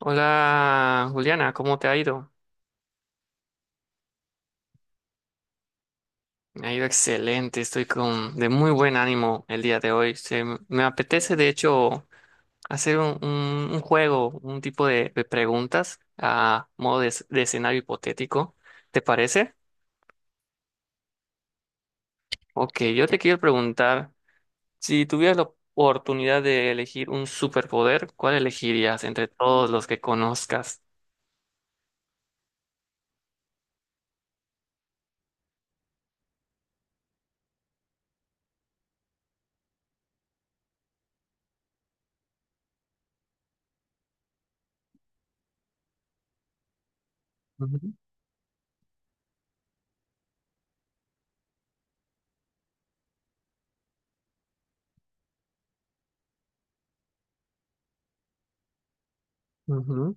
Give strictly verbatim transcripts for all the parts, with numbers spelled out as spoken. Hola Juliana, ¿cómo te ha ido? Me ha ido excelente, estoy con de muy buen ánimo el día de hoy. Se m- me apetece de hecho hacer un, un- un juego, un tipo de, de preguntas a modo de, es- de escenario hipotético. ¿Te parece? Ok, yo te quiero preguntar, si tuvieras la oportunidad de elegir un superpoder, ¿cuál elegirías entre todos los que conozcas? Ujú, ujú.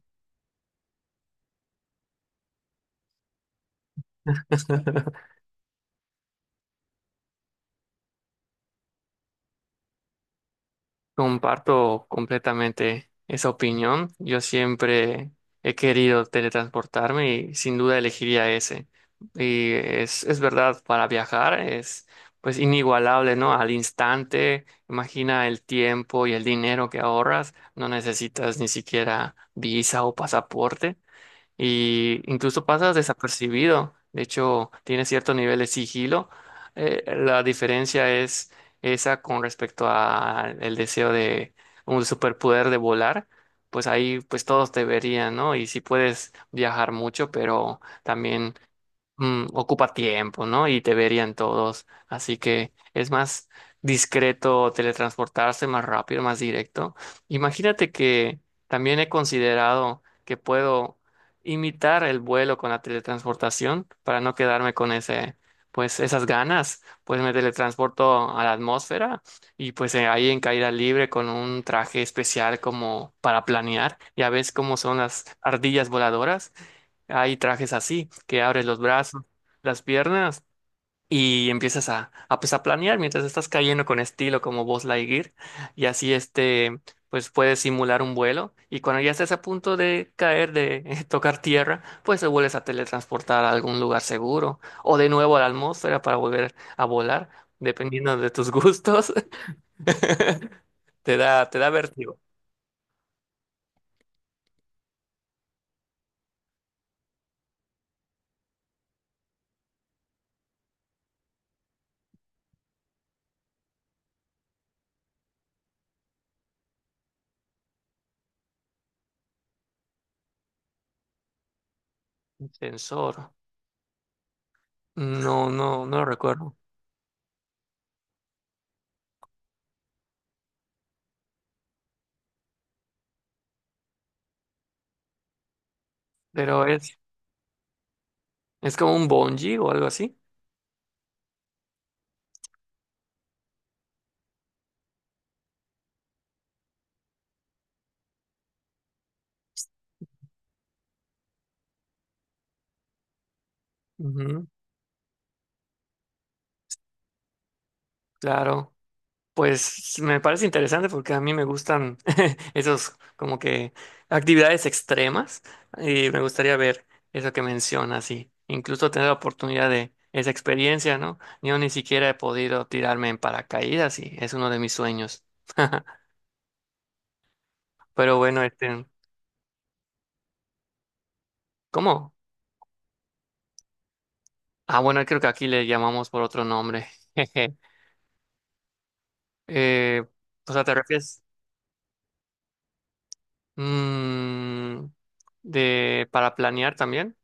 Comparto completamente esa opinión. Yo siempre he querido teletransportarme y sin duda elegiría ese. Y es, es verdad, para viajar es pues inigualable, ¿no? Al instante, imagina el tiempo y el dinero que ahorras, no necesitas ni siquiera visa o pasaporte y incluso pasas desapercibido. De hecho, tiene cierto nivel de sigilo. Eh, la diferencia es esa con respecto al deseo de un superpoder de volar. Pues ahí pues todos te verían, ¿no? Y si puedes viajar mucho, pero también mm, ocupa tiempo, ¿no? Y te verían todos. Así que es más discreto teletransportarse, más rápido, más directo. Imagínate que también he considerado que puedo imitar el vuelo con la teletransportación para no quedarme con ese, pues esas ganas. Pues me teletransporto a la atmósfera y pues eh, ahí en caída libre con un traje especial como para planear. Ya ves cómo son las ardillas voladoras, hay trajes así, que abres los brazos, las piernas y empiezas a, a, pues, a planear mientras estás cayendo con estilo como Buzz Lightyear. Y así este, pues puedes simular un vuelo y cuando ya estés a punto de caer, de eh, tocar tierra, pues te vuelves a teletransportar a algún lugar seguro o de nuevo a la atmósfera para volver a volar, dependiendo de tus gustos. Te da, te da vértigo. Un Sensor. No, no, no lo recuerdo. Pero es, es como un bungee o algo así. Ujú, claro, pues me parece interesante porque a mí me gustan esos como que actividades extremas y me gustaría ver eso que mencionas y incluso tener la oportunidad de esa experiencia, ¿no? Yo ni siquiera he podido tirarme en paracaídas y es uno de mis sueños. Pero bueno, este, ¿cómo? Ah, bueno, creo que aquí le llamamos por otro nombre. Jeje. Eh, o sea, ¿te refieres mm, de para planear también?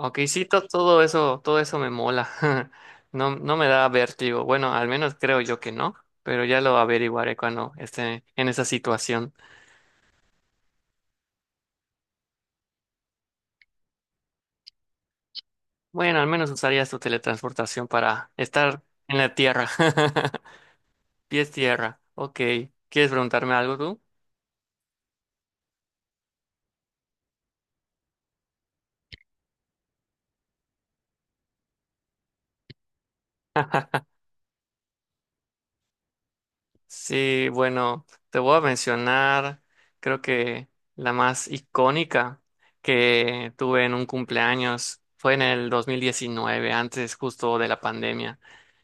Ok, sí, to- todo eso, todo eso me mola. No, no me da vértigo. Bueno, al menos creo yo que no, pero ya lo averiguaré cuando esté en esa situación. Bueno, al menos usarías tu teletransportación para estar en la tierra. Pies tierra. Ok. ¿Quieres preguntarme algo tú? Sí, bueno, te voy a mencionar, creo que la más icónica que tuve en un cumpleaños fue en el dos mil diecinueve, antes justo de la pandemia.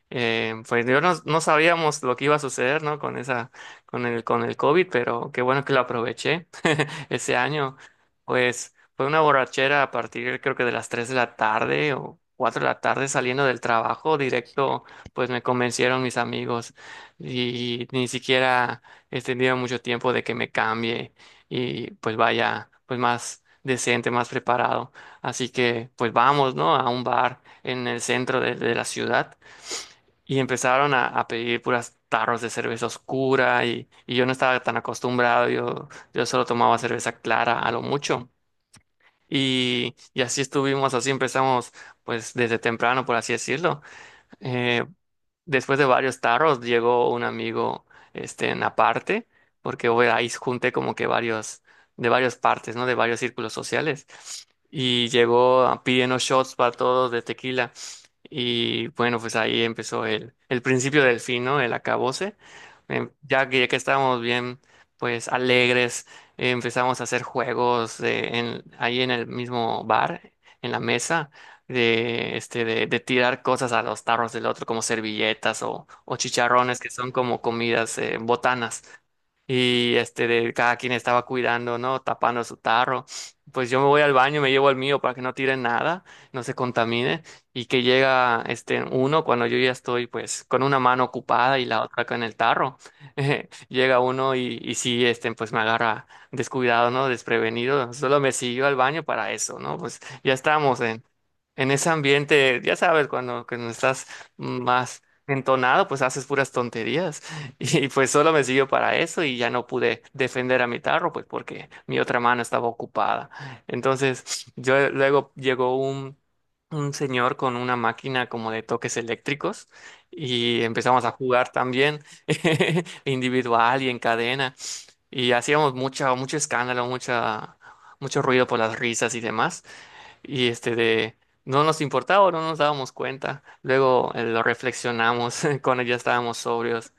Eh, pues yo no, no sabíamos lo que iba a suceder, ¿no? Con esa, con el, con el COVID, pero qué bueno que lo aproveché ese año. Pues fue una borrachera a partir, creo que de las tres de la tarde o cuatro de la tarde saliendo del trabajo directo, pues me convencieron mis amigos y ni siquiera he tenido mucho tiempo de que me cambie y pues vaya, pues más decente, más preparado. Así que pues vamos, ¿no? A un bar en el centro de de la ciudad y empezaron a, a pedir puras tarros de cerveza oscura y, y yo no estaba tan acostumbrado, yo, yo solo tomaba cerveza clara a lo mucho. Y, y así estuvimos, así empezamos pues desde temprano, por así decirlo. Eh, Después de varios tarros llegó un amigo este en aparte porque bueno, ahí junté como que varios de varias partes, ¿no? De varios círculos sociales y llegó a- pidiendo shots para todos de tequila y bueno, pues ahí empezó el el principio del fin, ¿no? El acabose. Em, Ya que, ya que estábamos bien pues alegres, empezamos a hacer juegos eh, en, ahí en el mismo bar, en la mesa de, este, de, de tirar cosas a los tarros del otro, como servilletas o, o chicharrones, que son como comidas, eh, botanas y este de cada quien estaba cuidando, ¿no? Tapando su tarro. Pues yo me voy al baño, me llevo el mío para que no tire nada, no se contamine y que llega este uno cuando yo ya estoy pues con una mano ocupada y la otra con el tarro. Llega uno y, y sí, este pues me agarra descuidado, ¿no? Desprevenido. Solo me siguió al baño para eso, ¿no? Pues ya estamos en en ese ambiente, ya sabes, cuando, cuando estás más entonado, pues haces puras tonterías. Y pues solo me sirvió para eso y ya no pude defender a mi tarro, pues porque mi otra mano estaba ocupada. Entonces, yo luego llegó un, un señor con una máquina como de toques eléctricos y empezamos a jugar también individual y en cadena y hacíamos mucha, mucho escándalo, mucha, mucho ruido por las risas y demás. Y este de... No nos importaba, no nos dábamos cuenta. Luego eh, lo reflexionamos cuando ya estábamos sobrios,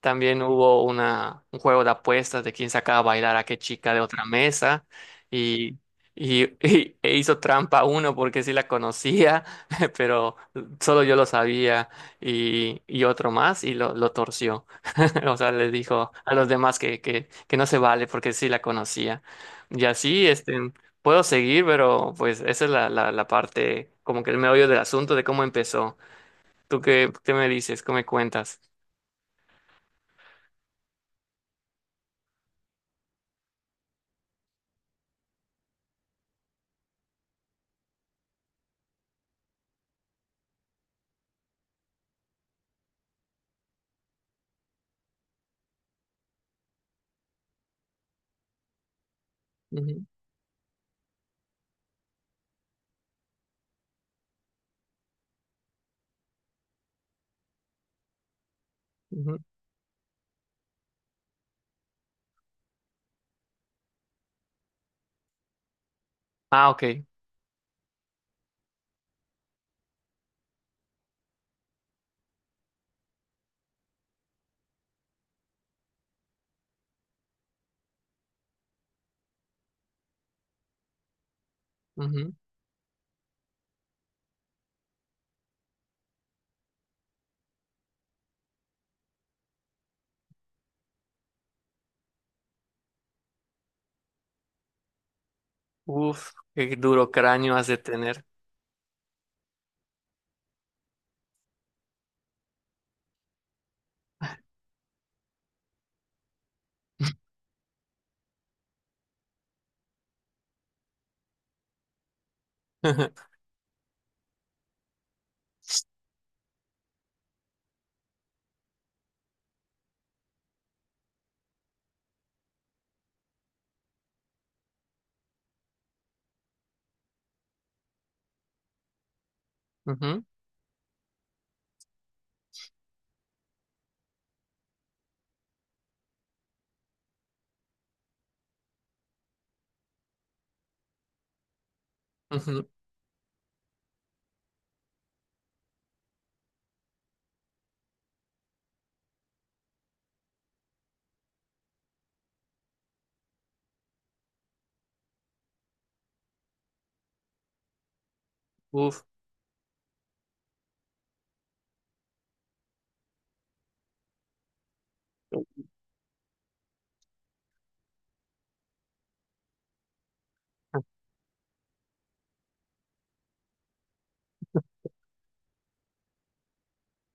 también hubo una, un juego de apuestas de quién sacaba a bailar a qué chica de otra mesa y, y- y- e hizo trampa uno porque sí la conocía, pero solo yo lo sabía y, y otro más y lo, lo torció. O sea, le dijo a los demás que, que, que no se vale porque sí la conocía. Y así, este, puedo seguir, pero pues esa es la, la, la parte, como que el meollo del asunto de cómo empezó. ¿Tú qué, qué me dices? ¿Cómo me cuentas? Ujú, ujú. Ah, ok. Ujú. Uf, qué duro cráneo has de tener. Ujú, ujú, uf.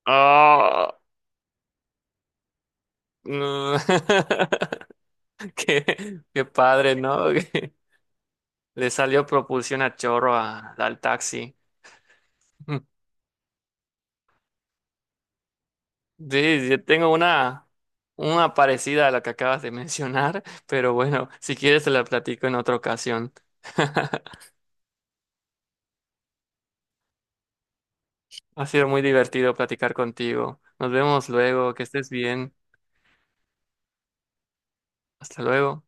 Ah, no. Qué, qué padre, ¿no? Le salió propulsión a chorro a- al taxi. Sí, yo tengo una, una parecida a la que acabas de mencionar, pero bueno, si quieres te la platico en otra ocasión. Ha sido muy divertido platicar contigo. Nos vemos luego, que estés bien. Hasta luego.